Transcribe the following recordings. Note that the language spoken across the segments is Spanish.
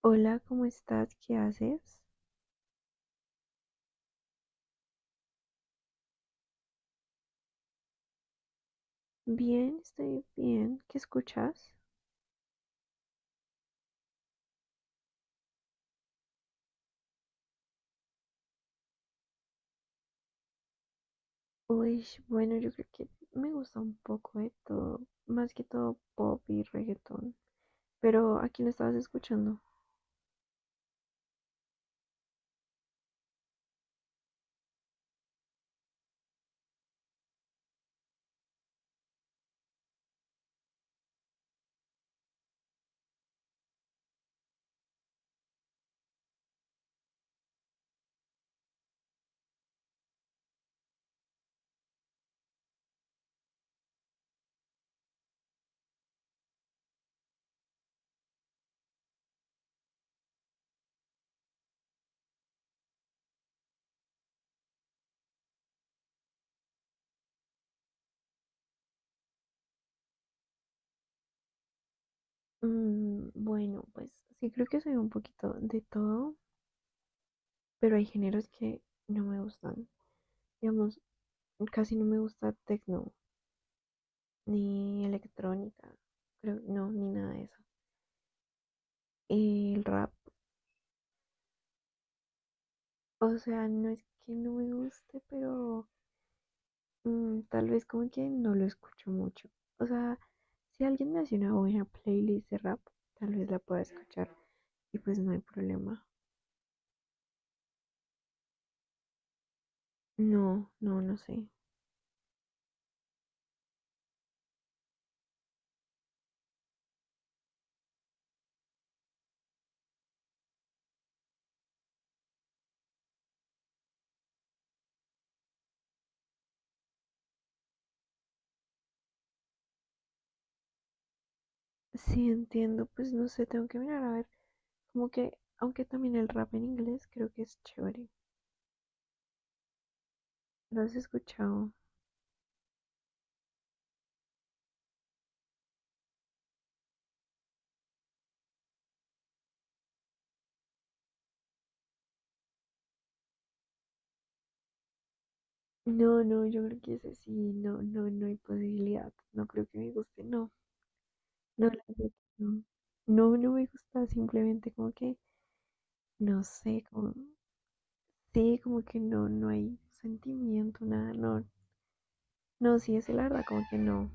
Hola, ¿cómo estás? ¿Qué haces? Bien, estoy bien. ¿Qué escuchas? Uy, bueno, yo creo que me gusta un poco de todo, más que todo pop y reggaetón. Pero ¿a quién estabas escuchando? Bueno, pues sí creo que soy un poquito de todo, pero hay géneros que no me gustan. Digamos, casi no me gusta techno, ni electrónica, creo, no, ni nada de eso. El rap, o sea, no es que no me guste, pero tal vez como que no lo escucho mucho. O sea, si alguien me hace una buena playlist de rap, tal vez la pueda escuchar y pues no hay problema. No, no, no sé. Sí entiendo, pues no sé, tengo que mirar a ver. Como que, aunque también el rap en inglés creo que es chévere. ¿Lo has escuchado? No, no, yo creo que ese sí, no, no, no hay posibilidad. No creo que me guste, no. No, la verdad que no. No, no me gusta, simplemente como que, no sé, como. Sí, como que no, no hay sentimiento, nada, no. No, sí, es la verdad, como que no.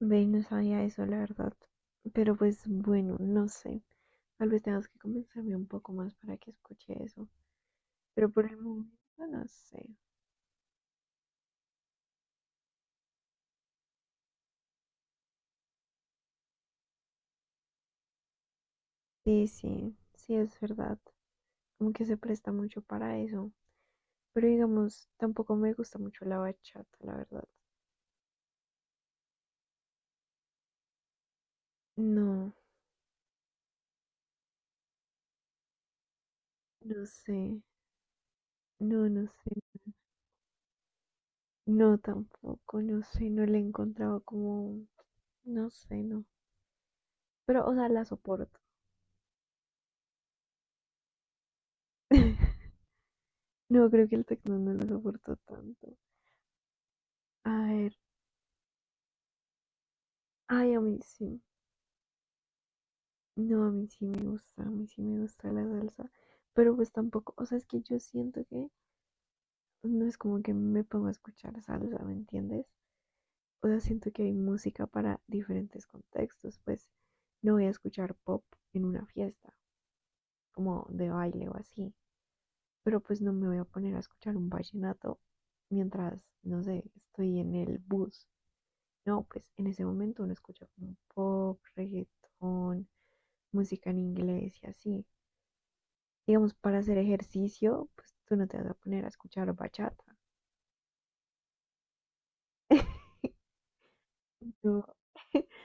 Ve, no sabía eso, la verdad. Pero pues bueno, no sé. Tal vez tengas que convencerme un poco más para que escuche eso. Pero por el momento, no sé. Sí, sí, sí, es verdad. Como que se presta mucho para eso. Pero digamos, tampoco me gusta mucho la bachata, la verdad. No, no sé. No, no sé. No, tampoco, no sé. No le he encontrado como, no sé, no. Pero, o sea, la soporto. No, creo que el tecno no lo soporto tanto. A ver, ay, a mí sí. No, a mí sí me gusta, a mí sí me gusta la salsa. Pero pues tampoco, o sea, es que yo siento que no es como que me pongo a escuchar salsa, ¿me entiendes? O sea, siento que hay música para diferentes contextos. Pues no voy a escuchar pop en una fiesta, como de baile o así. Pero pues no me voy a poner a escuchar un vallenato mientras, no sé, estoy en el bus. No, pues en ese momento uno escucha como pop, reggaetón, música en inglés y así. Digamos, para hacer ejercicio, pues tú no te vas a poner a escuchar bachata. No.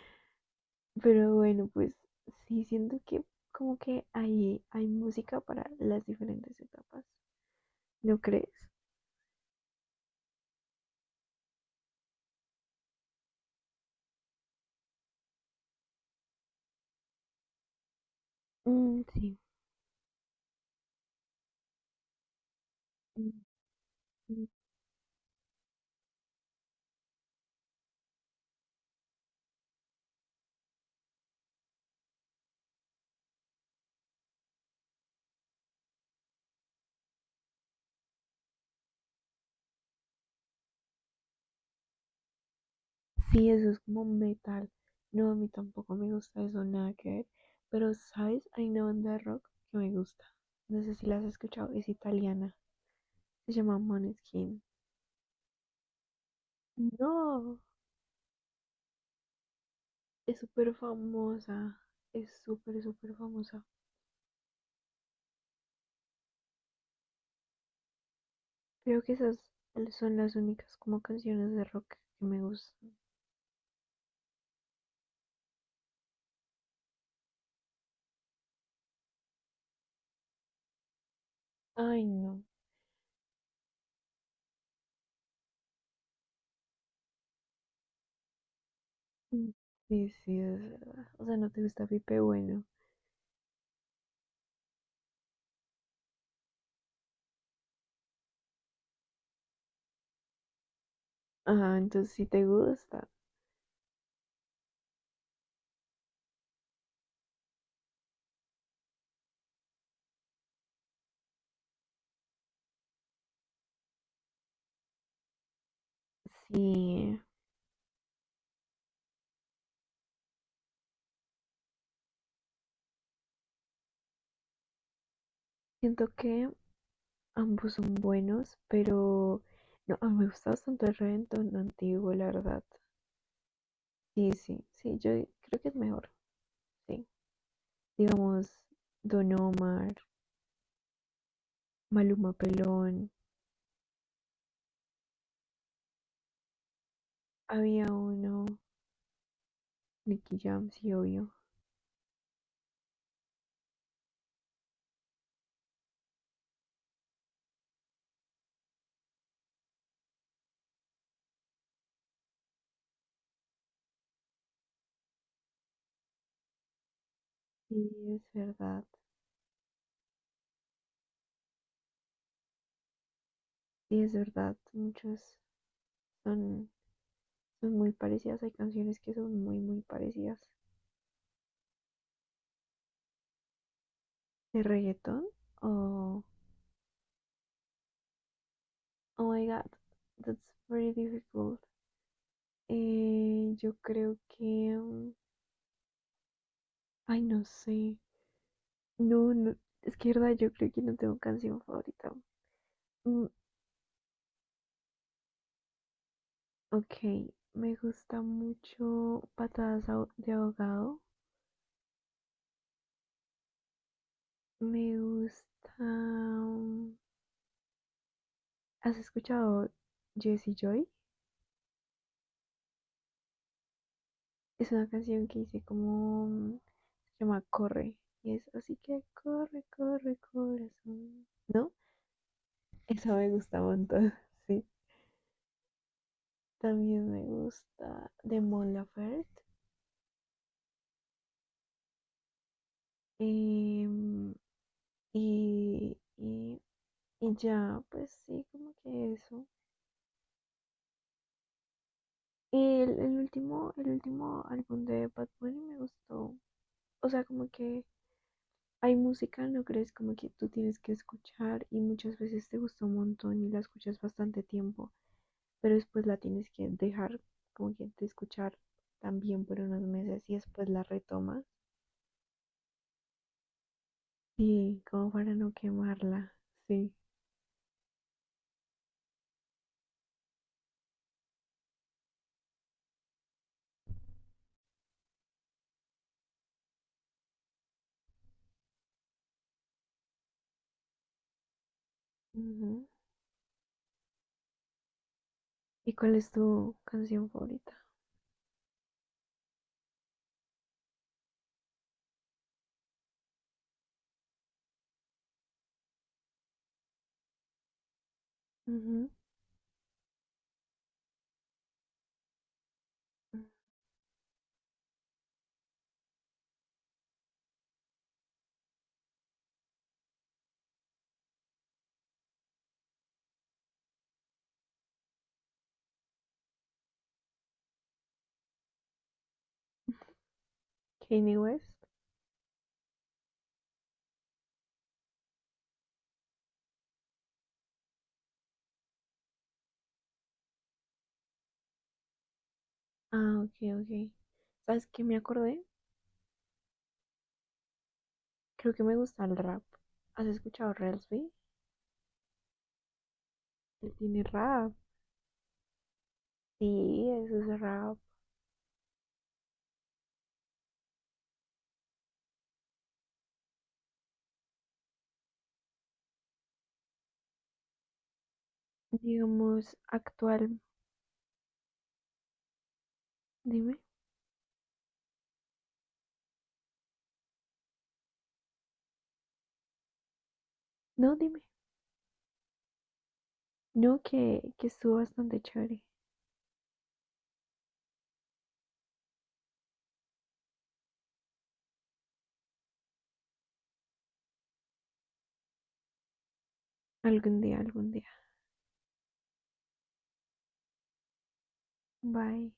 Pero bueno, pues sí, siento que como que ahí hay música para las diferentes etapas. ¿No crees? Mm, sí. Mm, mm. Sí, eso es como metal. No, a mí tampoco me gusta eso, nada que ver. Pero, ¿sabes? Hay una banda de rock que me gusta. No sé si la has escuchado, es italiana. Se llama Maneskin. No, es súper famosa. Es súper, súper famosa. Creo que esas son las únicas como canciones de rock que me gustan. Ay, no. Sí, sí, es verdad. O sea, no te gusta Pipe Bueno. Ah, entonces sí te gusta. Sí. Siento que ambos son buenos, pero no, a mí me gusta bastante el reggaetón antiguo, la verdad. Sí, sí, sí, yo creo que es mejor, sí. Digamos, Don Omar, Maluma pelón, había uno, Nicky Jam, sí, obvio. Y es verdad, sí, es verdad, muchas son, son muy parecidas, hay canciones que son muy, muy parecidas. ¿De reggaetón? Oh, oh my god, that's very difficult. Yo creo que... mm, Ay, no sé. No, no, es que verdad, yo creo que no tengo canción favorita. Mm, ok, me gusta mucho Patadas de Ahogado. Me gusta. ¿Has escuchado Jessie Joy? Es una canción que hice como. Se llama Corre. Y es así que corre, corre, corazón. ¿No? Esa me gusta un montón. Sí. También me gusta de Mon Laferte. em, y, y, y ya, pues sí, como que eso. Y el último álbum de Bad Bunny me gustó. O sea, como que hay música, no crees como que tú tienes que escuchar y muchas veces te gusta un montón y la escuchas bastante tiempo, pero después la tienes que dejar como que de escuchar también por unos meses y después la retomas sí, como para no quemarla, sí. Ujú. ¿Y cuál es tu canción favorita? Ujú. Kanye West. Ah, ok, ok. ¿Sabes qué me acordé? Creo que me gusta el rap. ¿Has escuchado Relsby? Él tiene rap. Sí, eso es rap. Digamos, actual. Dime, no, dime, no, que estuvo bastante chévere. Algún día, algún día. Bye.